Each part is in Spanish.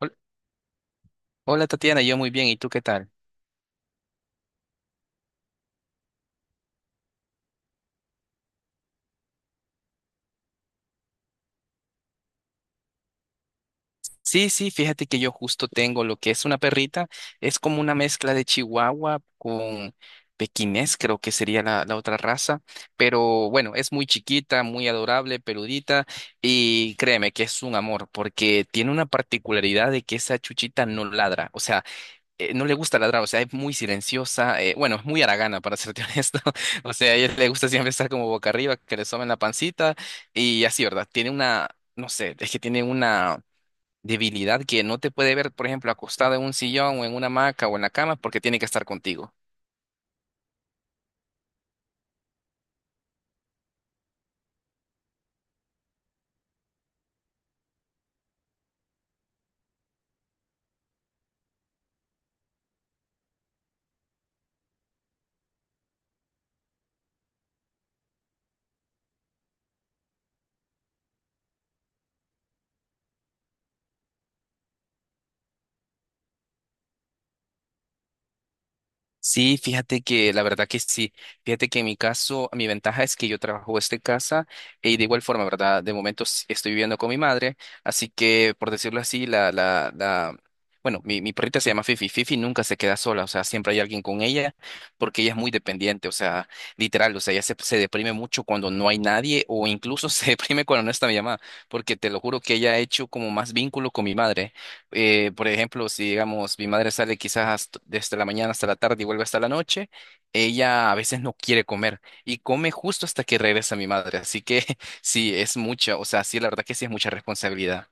Hol- Hola Tatiana, yo muy bien, ¿y tú qué tal? Sí, sí, fíjate que yo justo tengo lo que es una perrita, es como una mezcla de chihuahua con pequinés, creo que sería la otra raza, pero bueno, es muy chiquita, muy adorable, peludita, y créeme que es un amor, porque tiene una particularidad de que esa chuchita no ladra, o sea, no le gusta ladrar, o sea, es muy silenciosa, bueno, es muy haragana, para serte honesto, o sea, a ella le gusta siempre estar como boca arriba, que le soben la pancita y así, ¿verdad? Tiene una, no sé, es que tiene una debilidad que no te puede ver, por ejemplo, acostada en un sillón o en una hamaca o en la cama porque tiene que estar contigo. Sí, fíjate que la verdad que sí. Fíjate que en mi caso, mi ventaja es que yo trabajo desde casa y de igual forma, ¿verdad? De momento estoy viviendo con mi madre, así que por decirlo así, bueno, mi perrita se llama Fifi. Fifi nunca se queda sola, o sea, siempre hay alguien con ella porque ella es muy dependiente, o sea, literal, o sea, ella se deprime mucho cuando no hay nadie o incluso se deprime cuando no está mi mamá, porque te lo juro que ella ha hecho como más vínculo con mi madre. Por ejemplo, si digamos mi madre sale quizás desde la mañana hasta la tarde y vuelve hasta la noche, ella a veces no quiere comer y come justo hasta que regresa mi madre. Así que sí, es mucha, o sea, sí, la verdad que sí es mucha responsabilidad.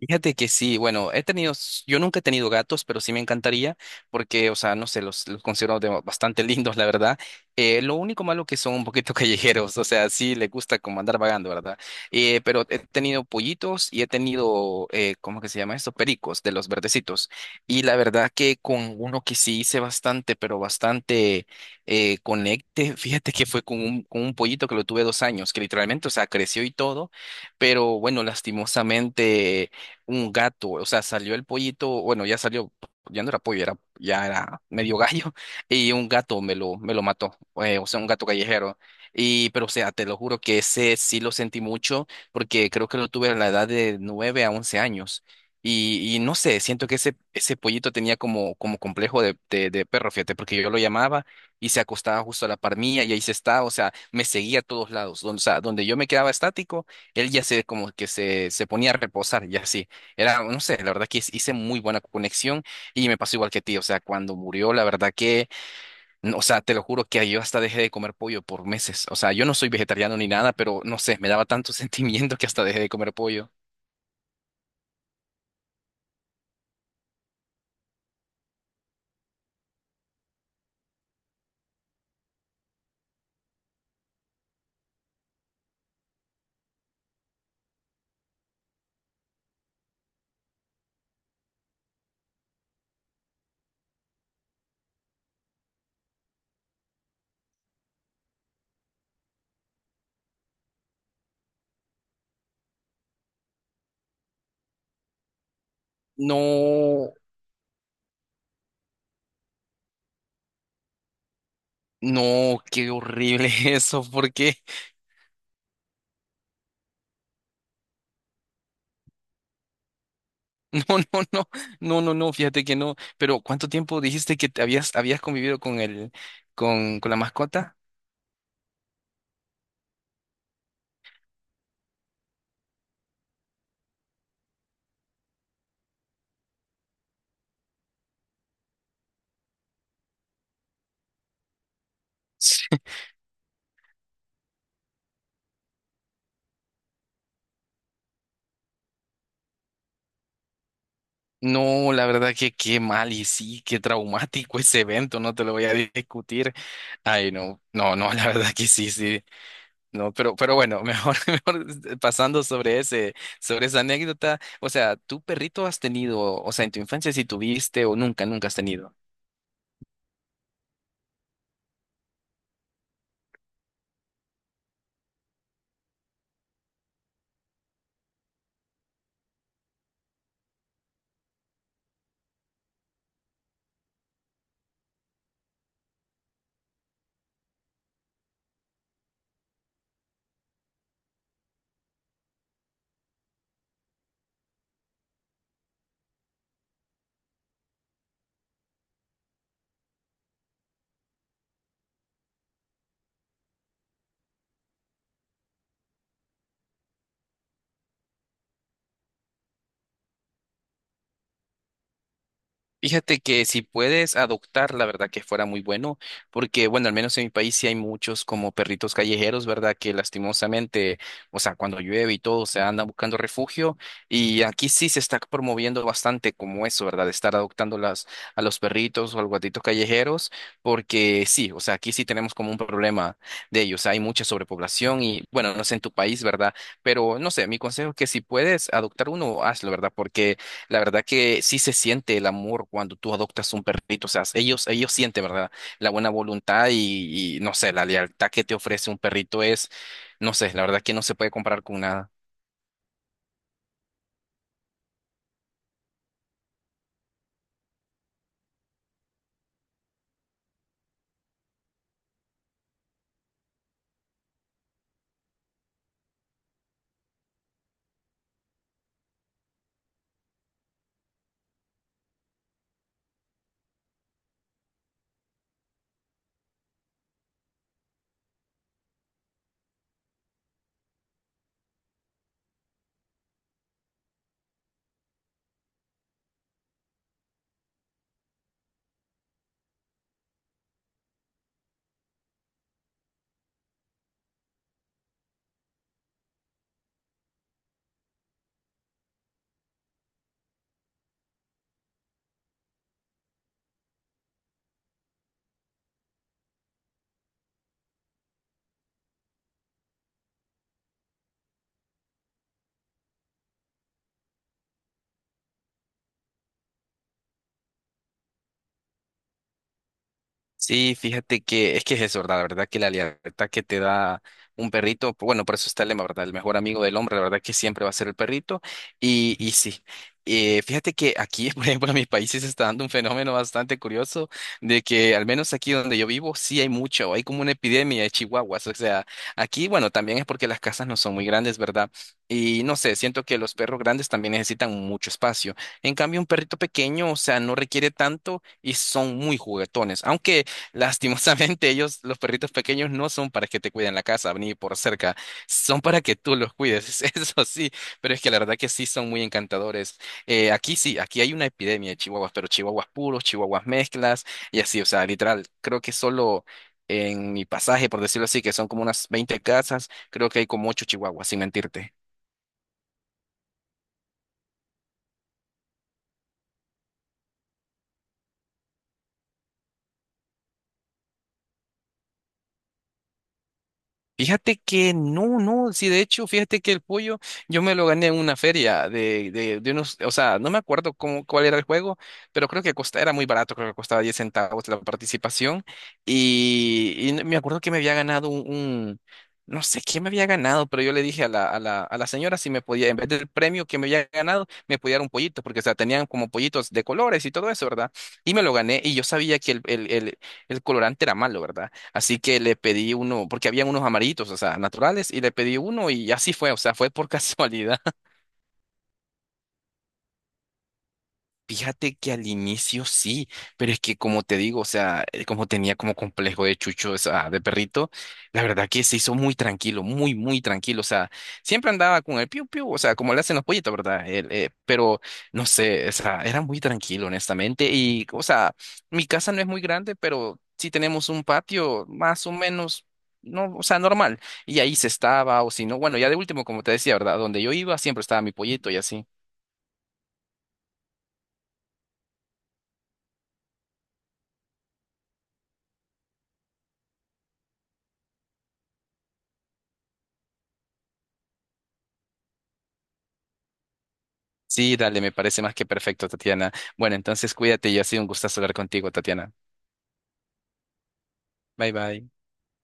Fíjate que sí, bueno, he tenido, yo nunca he tenido gatos, pero sí me encantaría, porque, o sea, no sé, los considero bastante lindos, la verdad. Lo único malo que son un poquito callejeros, o sea, sí les gusta como andar vagando, ¿verdad? Pero he tenido pollitos y he tenido, ¿cómo que se llama esto? Pericos, de los verdecitos. Y la verdad que con uno que sí hice bastante, pero bastante conecte, fíjate que fue con un pollito que lo tuve 2 años, que literalmente, o sea, creció y todo, pero bueno, lastimosamente un gato, o sea, salió el pollito, bueno, ya salió, ya no era pollo, era, ya era medio gallo, y un gato me lo mató, o sea, un gato callejero. Y, pero, o sea, te lo juro que ese sí lo sentí mucho, porque creo que lo tuve a la edad de 9 a 11 años. Y no sé, siento que ese pollito tenía como complejo de perro, fíjate, porque yo lo llamaba y se acostaba justo a la par mía y ahí se estaba, o sea, me seguía a todos lados, donde, o sea, donde yo me quedaba estático, él ya se como que se ponía a reposar y así. Era, no sé, la verdad que hice muy buena conexión y me pasó igual que a ti, o sea, cuando murió, la verdad que, no, o sea, te lo juro que yo hasta dejé de comer pollo por meses, o sea, yo no soy vegetariano ni nada, pero no sé, me daba tanto sentimiento que hasta dejé de comer pollo. No, no, qué horrible eso, porque no, no, no, no, no, no, fíjate que no, pero ¿cuánto tiempo dijiste que te habías convivido con la mascota? No, la verdad que qué mal y sí, qué traumático ese evento, no te lo voy a discutir. Ay, no, no, no, la verdad que sí, sí. No, pero bueno, mejor, mejor pasando sobre esa anécdota. O sea, ¿tu perrito has tenido, o sea, en tu infancia si tuviste o nunca, nunca has tenido? Fíjate que si puedes adoptar, la verdad que fuera muy bueno, porque bueno, al menos en mi país sí hay muchos como perritos callejeros, ¿verdad? Que lastimosamente, o sea, cuando llueve y todo, se andan buscando refugio y aquí sí se está promoviendo bastante como eso, ¿verdad? De estar adoptando a los perritos o a los gatitos callejeros, porque sí, o sea, aquí sí tenemos como un problema de ellos, hay mucha sobrepoblación y bueno, no sé en tu país, ¿verdad? Pero no sé, mi consejo es que si puedes adoptar uno, hazlo, ¿verdad? Porque la verdad que sí se siente el amor cuando tú adoptas un perrito. O sea, ellos sienten, ¿verdad? La buena voluntad y no sé, la lealtad que te ofrece un perrito es, no sé, la verdad que no se puede comparar con nada. Sí, fíjate que es eso, ¿verdad? La verdad que la lealtad que te da un perrito, pues, bueno, por eso está el lema, ¿verdad? El mejor amigo del hombre, la verdad que siempre va a ser el perrito. Y sí, fíjate que aquí, por ejemplo, en mi país sí se está dando un fenómeno bastante curioso de que al menos aquí donde yo vivo sí hay mucho, hay como una epidemia de chihuahuas. O sea, aquí, bueno, también es porque las casas no son muy grandes, ¿verdad? Y no sé, siento que los perros grandes también necesitan mucho espacio. En cambio, un perrito pequeño, o sea, no requiere tanto y son muy juguetones. Aunque lastimosamente, ellos, los perritos pequeños, no son para que te cuiden la casa ni por cerca, son para que tú los cuides, eso sí, pero es que la verdad que sí son muy encantadores. Aquí hay una epidemia de chihuahuas, pero chihuahuas puros, chihuahuas mezclas y así, o sea, literal, creo que solo en mi pasaje, por decirlo así, que son como unas 20 casas, creo que hay como 8 chihuahuas, sin mentirte. Fíjate que no, no, sí, de hecho, fíjate que el pollo yo me lo gané en una feria de unos, o sea, no me acuerdo cómo, cuál era el juego, pero creo que era muy barato, creo que costaba 10 centavos la participación y me acuerdo que me había ganado un, no sé qué me había ganado, pero yo le dije a la señora si me podía, en vez del premio que me había ganado, me podía dar un pollito, porque, o sea, tenían como pollitos de colores y todo eso, ¿verdad? Y me lo gané y yo sabía que el colorante era malo, ¿verdad? Así que le pedí uno, porque habían unos amarillitos, o sea, naturales, y le pedí uno y así fue, o sea, fue por casualidad. Fíjate que al inicio sí, pero es que como te digo, o sea, como tenía como complejo de chucho, o sea, de perrito, la verdad que se hizo muy tranquilo, muy, muy tranquilo, o sea, siempre andaba con el piu piu, o sea, como le hacen los pollitos, ¿verdad? Pero no sé, o sea, era muy tranquilo, honestamente, y, o sea, mi casa no es muy grande, pero sí tenemos un patio más o menos. No, o sea, normal. Y ahí se estaba, o si no, bueno, ya de último, como te decía, ¿verdad? Donde yo iba siempre estaba mi pollito y así. Sí, dale, me parece más que perfecto, Tatiana. Bueno, entonces cuídate y ha sido un gusto hablar contigo, Tatiana. Bye bye.